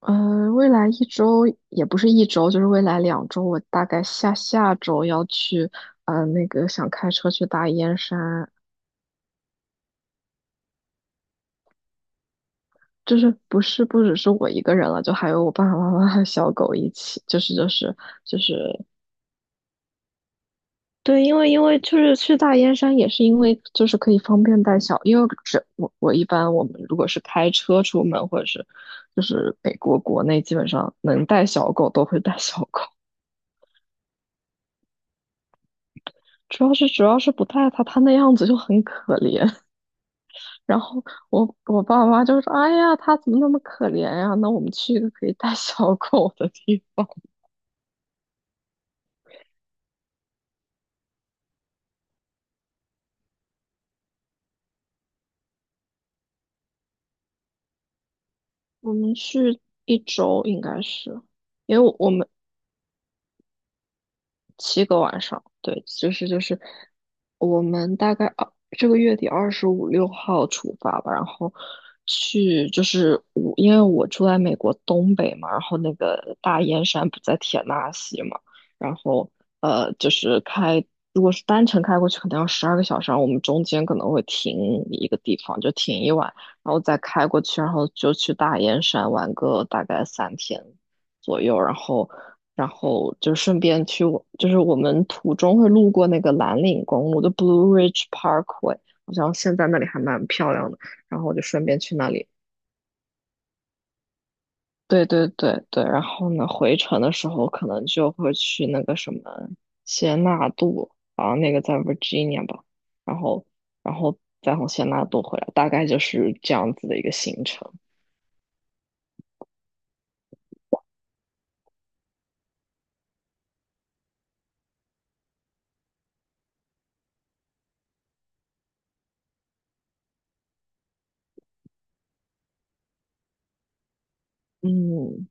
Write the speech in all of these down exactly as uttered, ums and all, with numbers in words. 呃，未来一周也不是一周，就是未来两周，我大概下下周要去，呃，那个想开车去大燕山。就是不是不只是我一个人了，就还有我爸爸妈妈和小狗一起，就是就是就是，对，因为因为就是去大燕山也是因为就是可以方便带小，因为这我我一般我们如果是开车出门或者是就是美国国内基本上能带小狗都会带小狗。主要是主要是不带它，它那样子就很可怜。然后我我爸妈就说：“哎呀，它怎么那么可怜呀？那我们去一个可以带 小狗的地方。”我们去一周应该是，因为我我们七个晚上，对，就是就是我们大概二这个月底二十五六号出发吧。然后去就是我因为我住在美国东北嘛。然后那个大燕山不在田纳西嘛，然后呃就是开，如果是单程开过去可能要十二个小时，然后我们中间可能会停一个地方，就停一晚，然后再开过去，然后就去大燕山玩个大概三天左右。然后然后就顺便去我，就是我们途中会路过那个蓝岭公路的 Blue Ridge Parkway，好像现在那里还蛮漂亮的。然后我就顺便去那里。对对对对。然后呢，回程的时候可能就会去那个什么谢纳杜，啊，那个在 Virginia 吧。然后，然后再从谢纳杜回来，大概就是这样子的一个行程。嗯。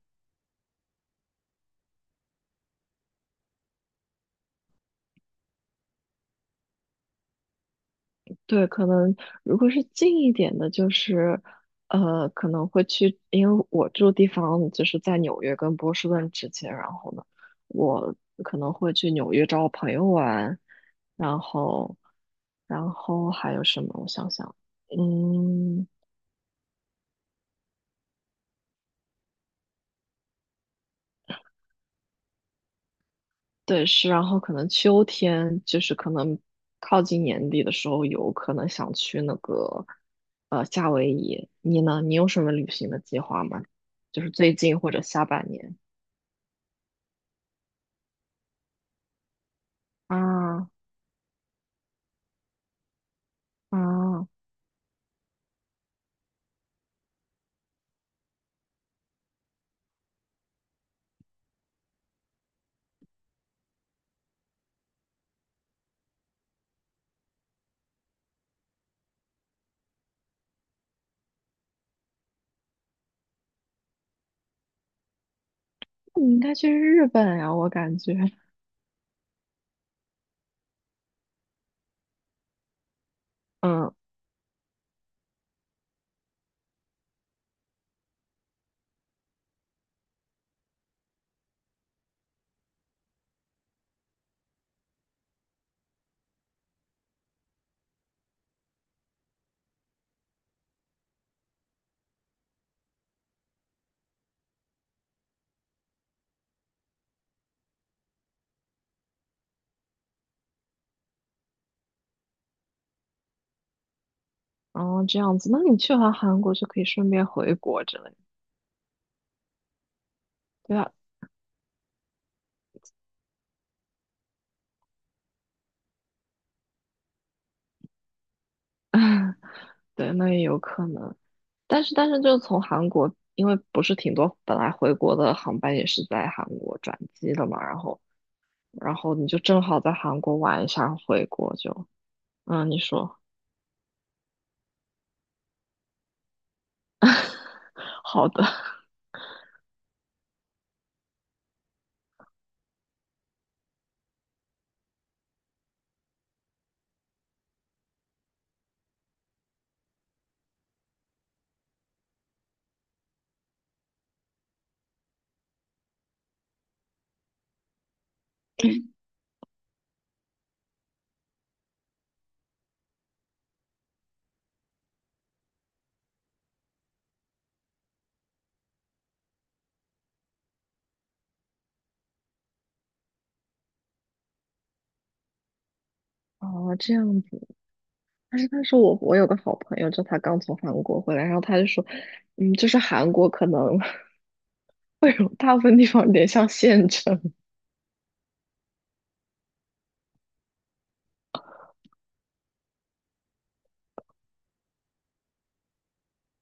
对，可能如果是近一点的，就是，呃，可能会去，因为我住地方就是在纽约跟波士顿之间。然后呢，我可能会去纽约找我朋友玩。然后，然后还有什么？我想想，嗯，对，是，然后可能秋天就是可能靠近年底的时候，有可能想去那个，呃，夏威夷。你呢？你有什么旅行的计划吗？就是最近或者下半年？啊啊，那你应该去日本呀，我感觉。嗯，哦，这样子，那你去完韩国就可以顺便回国之类的。对啊，对，那也有可能。但是但是就从韩国，因为不是挺多本来回国的航班也是在韩国转机的嘛，然后然后你就正好在韩国玩一下回国就，嗯，你说好的。哦，这样子。但是，但是我我有个好朋友，就他刚从韩国回来，然后他就说，嗯，就是韩国可能 大部分地方有点像县城。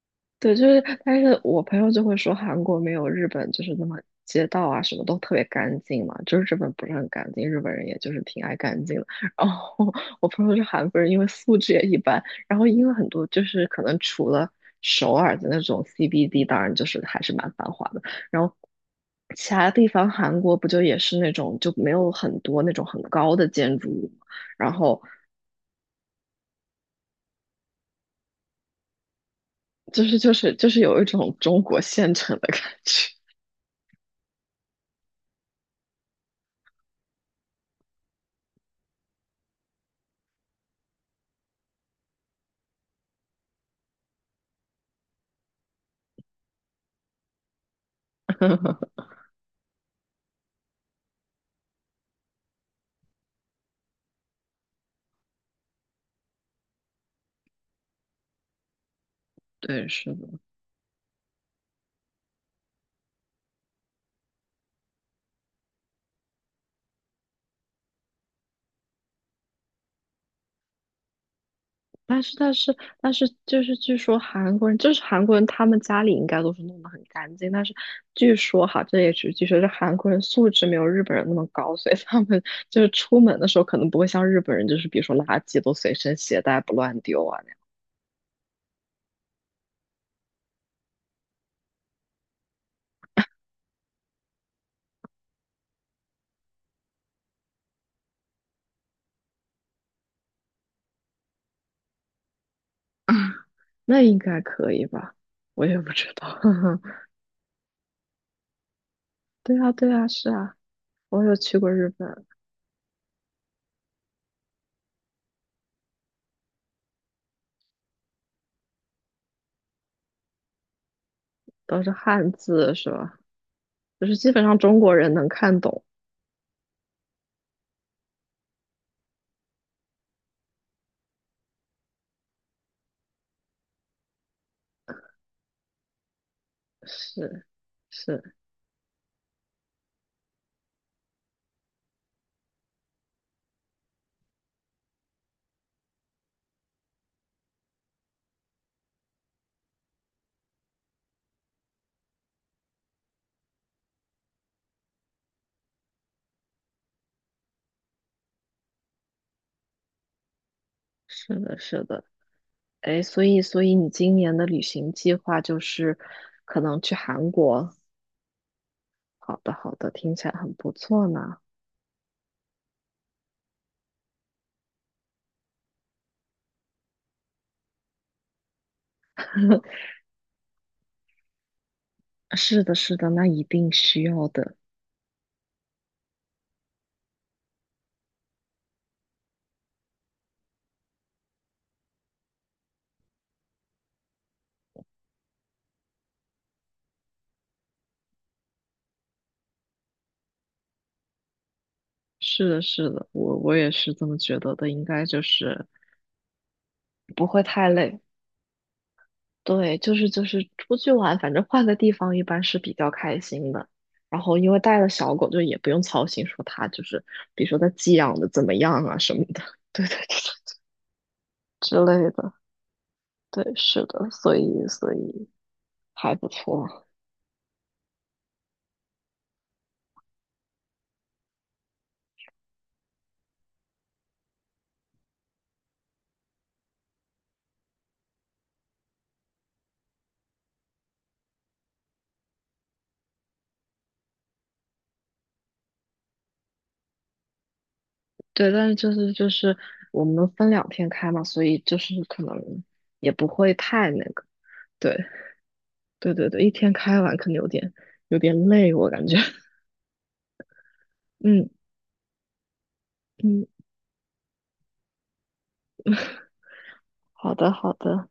对，就是，但是我朋友就会说韩国没有日本就是那么街道啊什么都特别干净嘛，就是日本不是很干净，日本人也就是挺爱干净的。然后我朋友是韩国人，因为素质也一般。然后因为很多就是可能除了首尔的那种 C B D，当然就是还是蛮繁华的。然后，其他地方，韩国不就也是那种就没有很多那种很高的建筑物嘛，然后就是就是就是有一种中国县城的感觉。对，是的。但是但是但是，就是据说韩国人，就是韩国人，他们家里应该都是弄得很干净。但是据说哈，这也只是据说，是韩国人素质没有日本人那么高，所以他们就是出门的时候可能不会像日本人，就是比如说垃圾都随身携带不乱丢啊那样。那应该可以吧？我也不知道。对啊，对啊，是啊，我有去过日本。都是汉字是吧？就是基本上中国人能看懂。是是是的，是的。哎，所以所以你今年的旅行计划就是可能去韩国。好的好的，听起来很不错呢。是的，是的，那一定需要的。是的，是的，我我也是这么觉得的，应该就是不会太累。对，就是就是出去玩，反正换个地方一般是比较开心的。然后因为带了小狗，就也不用操心说它就是，比如说它寄养的怎么样啊什么的，对对对之类的。对，是的，所以所以还不错。对，但是就是就是我们分两天开嘛，所以就是可能也不会太那个。对对对对，一天开完可能有点有点累，我感觉。嗯嗯，好的好的。